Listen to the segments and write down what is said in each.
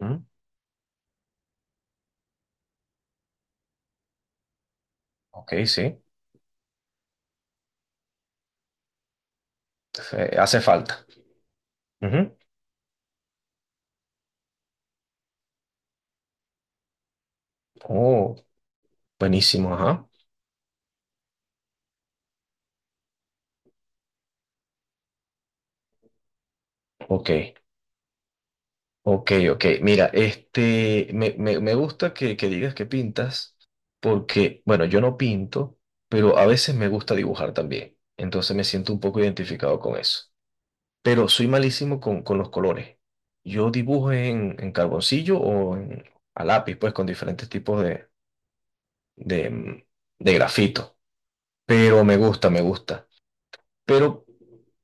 Mm, ok, sí. Hace falta. Ujú. Oh, buenísimo, ajá. Ok, ok. Mira, me gusta que digas que pintas, porque, bueno, yo no pinto, pero a veces me gusta dibujar también. Entonces me siento un poco identificado con eso. Pero soy malísimo con los colores. Yo dibujo en carboncillo o a lápiz, pues, con diferentes tipos de, mm, de grafito. Pero me gusta, me gusta. Pero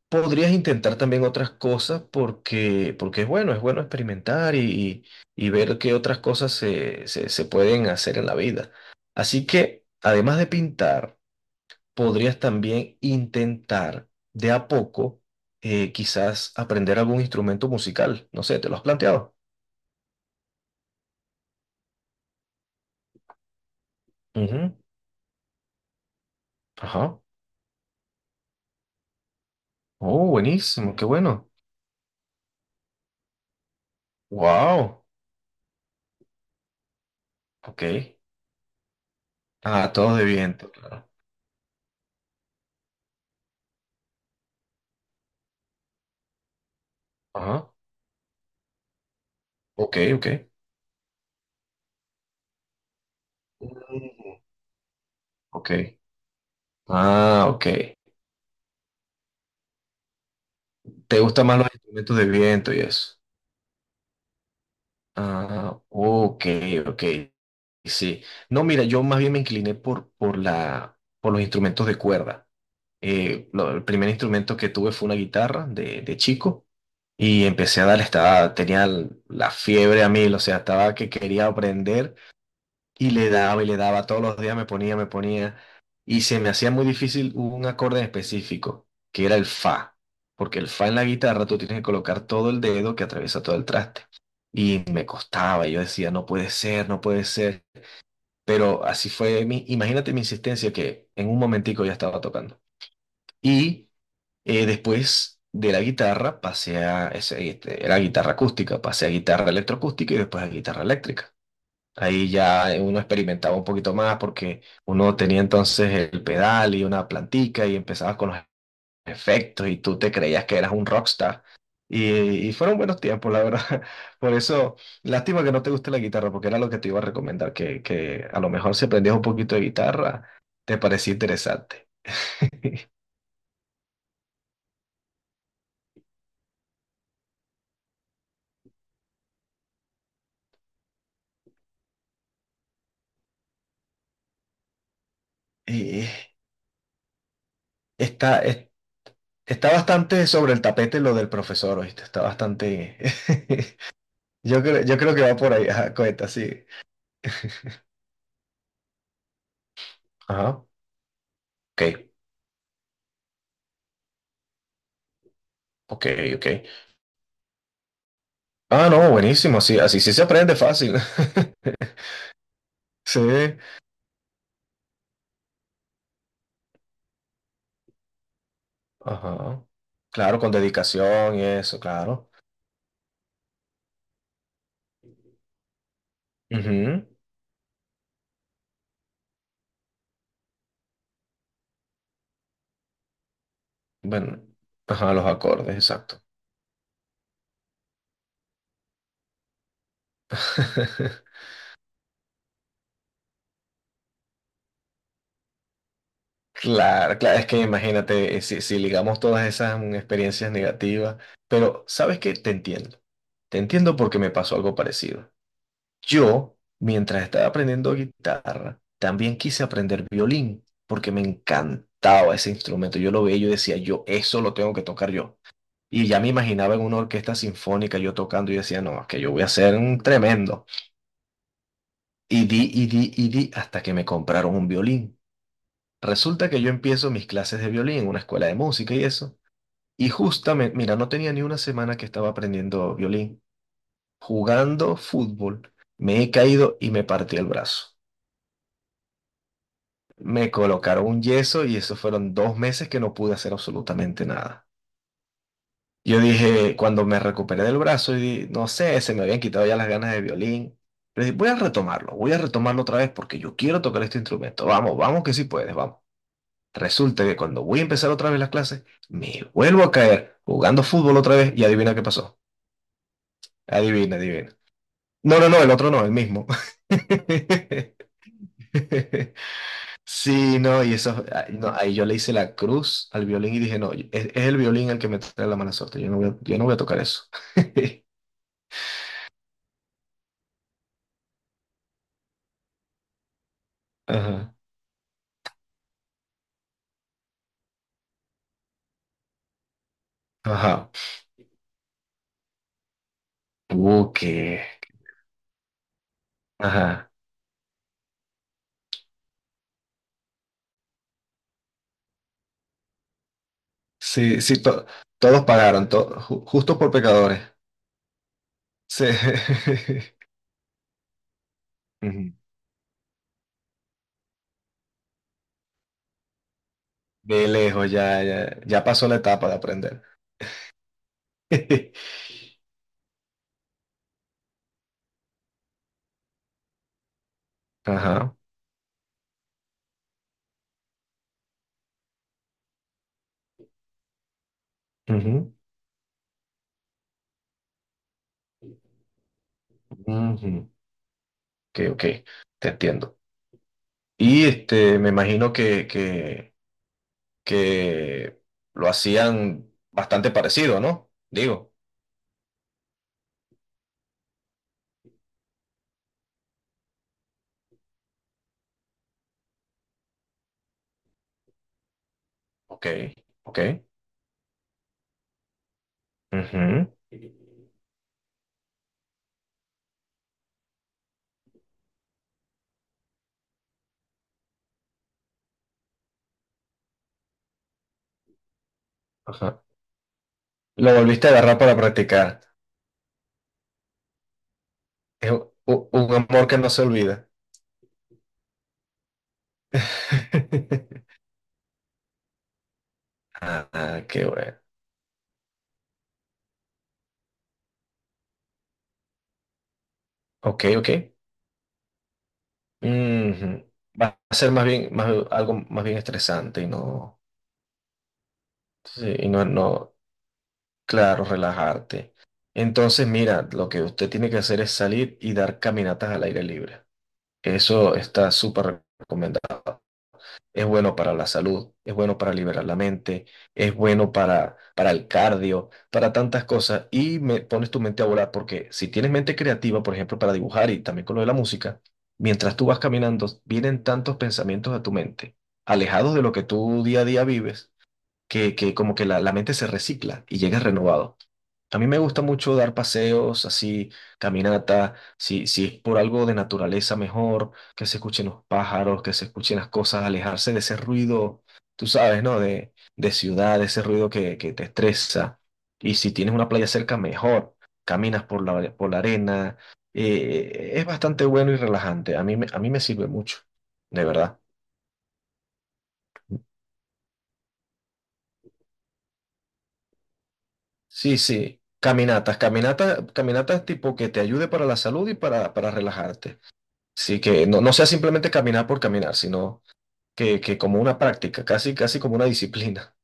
podrías intentar también otras cosas porque es bueno experimentar y ver qué otras cosas se pueden hacer en la vida. Así que, además de pintar, podrías también intentar de a poco, quizás aprender algún instrumento musical. No sé, ¿te lo has planteado? Ujú, ajá. Oh, buenísimo, qué bueno. Wow. Ok. Ah, todos de viento, claro. Ajá. Ok, ok. Mm, ok. Ah, ok. ¿Te gustan más los instrumentos de viento y eso? Ah, ok, ok. Sí. No, mira, yo más bien me incliné por los instrumentos de cuerda. El primer instrumento que tuve fue una guitarra de chico y empecé a darle, estaba, tenía la fiebre a mí, o sea, estaba que quería aprender. Y le daba todos los días, me ponía, me ponía. Y se me hacía muy difícil un acorde en específico, que era el fa. Porque el fa en la guitarra tú tienes que colocar todo el dedo que atraviesa todo el traste. Y me costaba, y yo decía, no puede ser, no puede ser. Pero así fue mi, imagínate mi insistencia que en un momentico ya estaba tocando. Y después de la guitarra pasé a, era guitarra acústica, pasé a guitarra electroacústica y después a guitarra eléctrica. Ahí ya uno experimentaba un poquito más porque uno tenía entonces el pedal y una plantica y empezabas con los efectos y tú te creías que eras un rockstar. Y fueron buenos tiempos, la verdad. Por eso, lástima que no te guste la guitarra porque era lo que te iba a recomendar, que a lo mejor si aprendías un poquito de guitarra, te parecía interesante. Y está, es- está bastante sobre el tapete lo del profesor, ¿oíste? Está bastante... yo creo que va por ahí, ajá, cuenta, sí. Ajá. Ok, ok, ok. Ah, no, buenísimo, así, así sí se aprende fácil. Sí, ajá. Claro, con dedicación y eso, claro. Ujú. Bueno, ajá, los acordes, exacto. Claro, claro, es que imagínate, si ligamos todas esas experiencias negativas, pero ¿sabes qué? Te entiendo. Te entiendo porque me pasó algo parecido. Yo, mientras estaba aprendiendo guitarra, también quise aprender violín, porque me encantaba ese instrumento. Yo lo veía y yo decía, yo eso lo tengo que tocar yo. Y ya me imaginaba en una orquesta sinfónica yo tocando y decía, no, es que yo voy a ser un tremendo. Y di, y di, y di, hasta que me compraron un violín. Resulta que yo empiezo mis clases de violín en una escuela de música y eso. Y justamente, mira, no tenía ni una semana que estaba aprendiendo violín. Jugando fútbol, me he caído y me partí el brazo. Me colocaron un yeso y eso fueron dos meses que no pude hacer absolutamente nada. Yo dije, cuando me recuperé del brazo, no sé, se me habían quitado ya las ganas de violín. Pero dije, voy a retomarlo otra vez porque yo quiero tocar este instrumento. Vamos, vamos que sí puedes, vamos. Resulta que cuando voy a empezar otra vez las clases, me vuelvo a caer jugando fútbol otra vez y adivina qué pasó. Adivina, adivina. No, no, no, el otro no, el mismo. Sí, no, y eso, ah, no, ahí yo le hice la cruz al violín y dije, no, es el violín el que me trae la mala suerte, yo no voy a tocar eso. Ajá, ajá. Qué. Ajá. Sí, sí, todos pagaron, justo por pecadores. Sí. Ujú. De lejos, ya pasó la etapa de aprender. Ajá. Ujú, ujú. Ok, ok, te entiendo. Y me imagino que lo hacían bastante parecido, ¿no? Digo, ok, ok. Ujú, ajá. Lo volviste a agarrar para practicar. Es un amor que no se olvida. Ah, qué bueno. Ok, ok. Ujú. Va a ser más bien, más, algo más bien estresante y sí, no, claro, relajarte. Entonces, mira, lo que usted tiene que hacer es salir y dar caminatas al aire libre. Eso está súper recomendado. Es bueno para la salud, es bueno para liberar la mente, es bueno para el cardio, para tantas cosas y me pones tu mente a volar porque si tienes mente creativa, por ejemplo, para dibujar y también con lo de la música, mientras tú vas caminando, vienen tantos pensamientos a tu mente, alejados de lo que tú día a día vives, que como que la mente se recicla y llegas renovado. A mí me gusta mucho dar paseos, así, caminata, si es por algo de naturaleza mejor, que se escuchen los pájaros, que se escuchen las cosas, alejarse de ese ruido, tú sabes, ¿no? De ciudad, de ese ruido que te estresa. Y si tienes una playa cerca, mejor. Caminas por la arena. Es bastante bueno y relajante. A mí me sirve mucho, de verdad. Sí, sí. Caminatas, caminatas, caminatas tipo que te ayude para la salud y para relajarte. Sí, que no, no sea simplemente caminar por caminar, sino que como una práctica, casi, casi como una disciplina.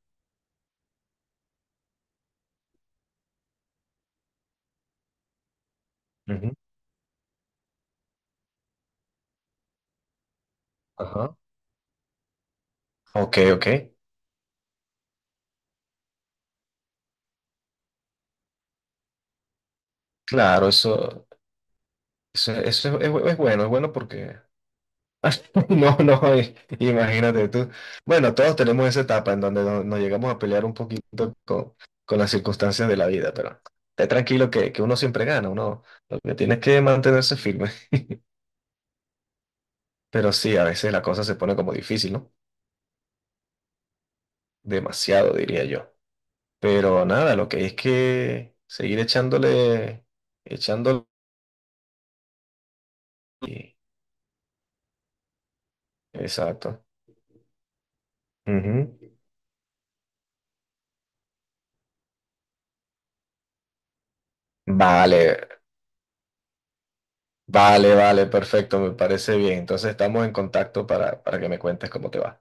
Ujú. Ajá. Ok, ok. Claro, eso es, es bueno porque... No, no, imagínate tú. Bueno, todos tenemos esa etapa en donde nos, llegamos a pelear un poquito con las circunstancias de la vida, pero esté tranquilo que uno siempre gana, uno lo que tiene es que mantenerse firme. Pero sí, a veces la cosa se pone como difícil, ¿no? Demasiado, diría yo. Pero nada, lo que hay es que seguir echándole, echándole. Exacto. Ujú. Vale, vale, vale, perfecto, me parece bien. Entonces estamos en contacto para que me cuentes cómo te va.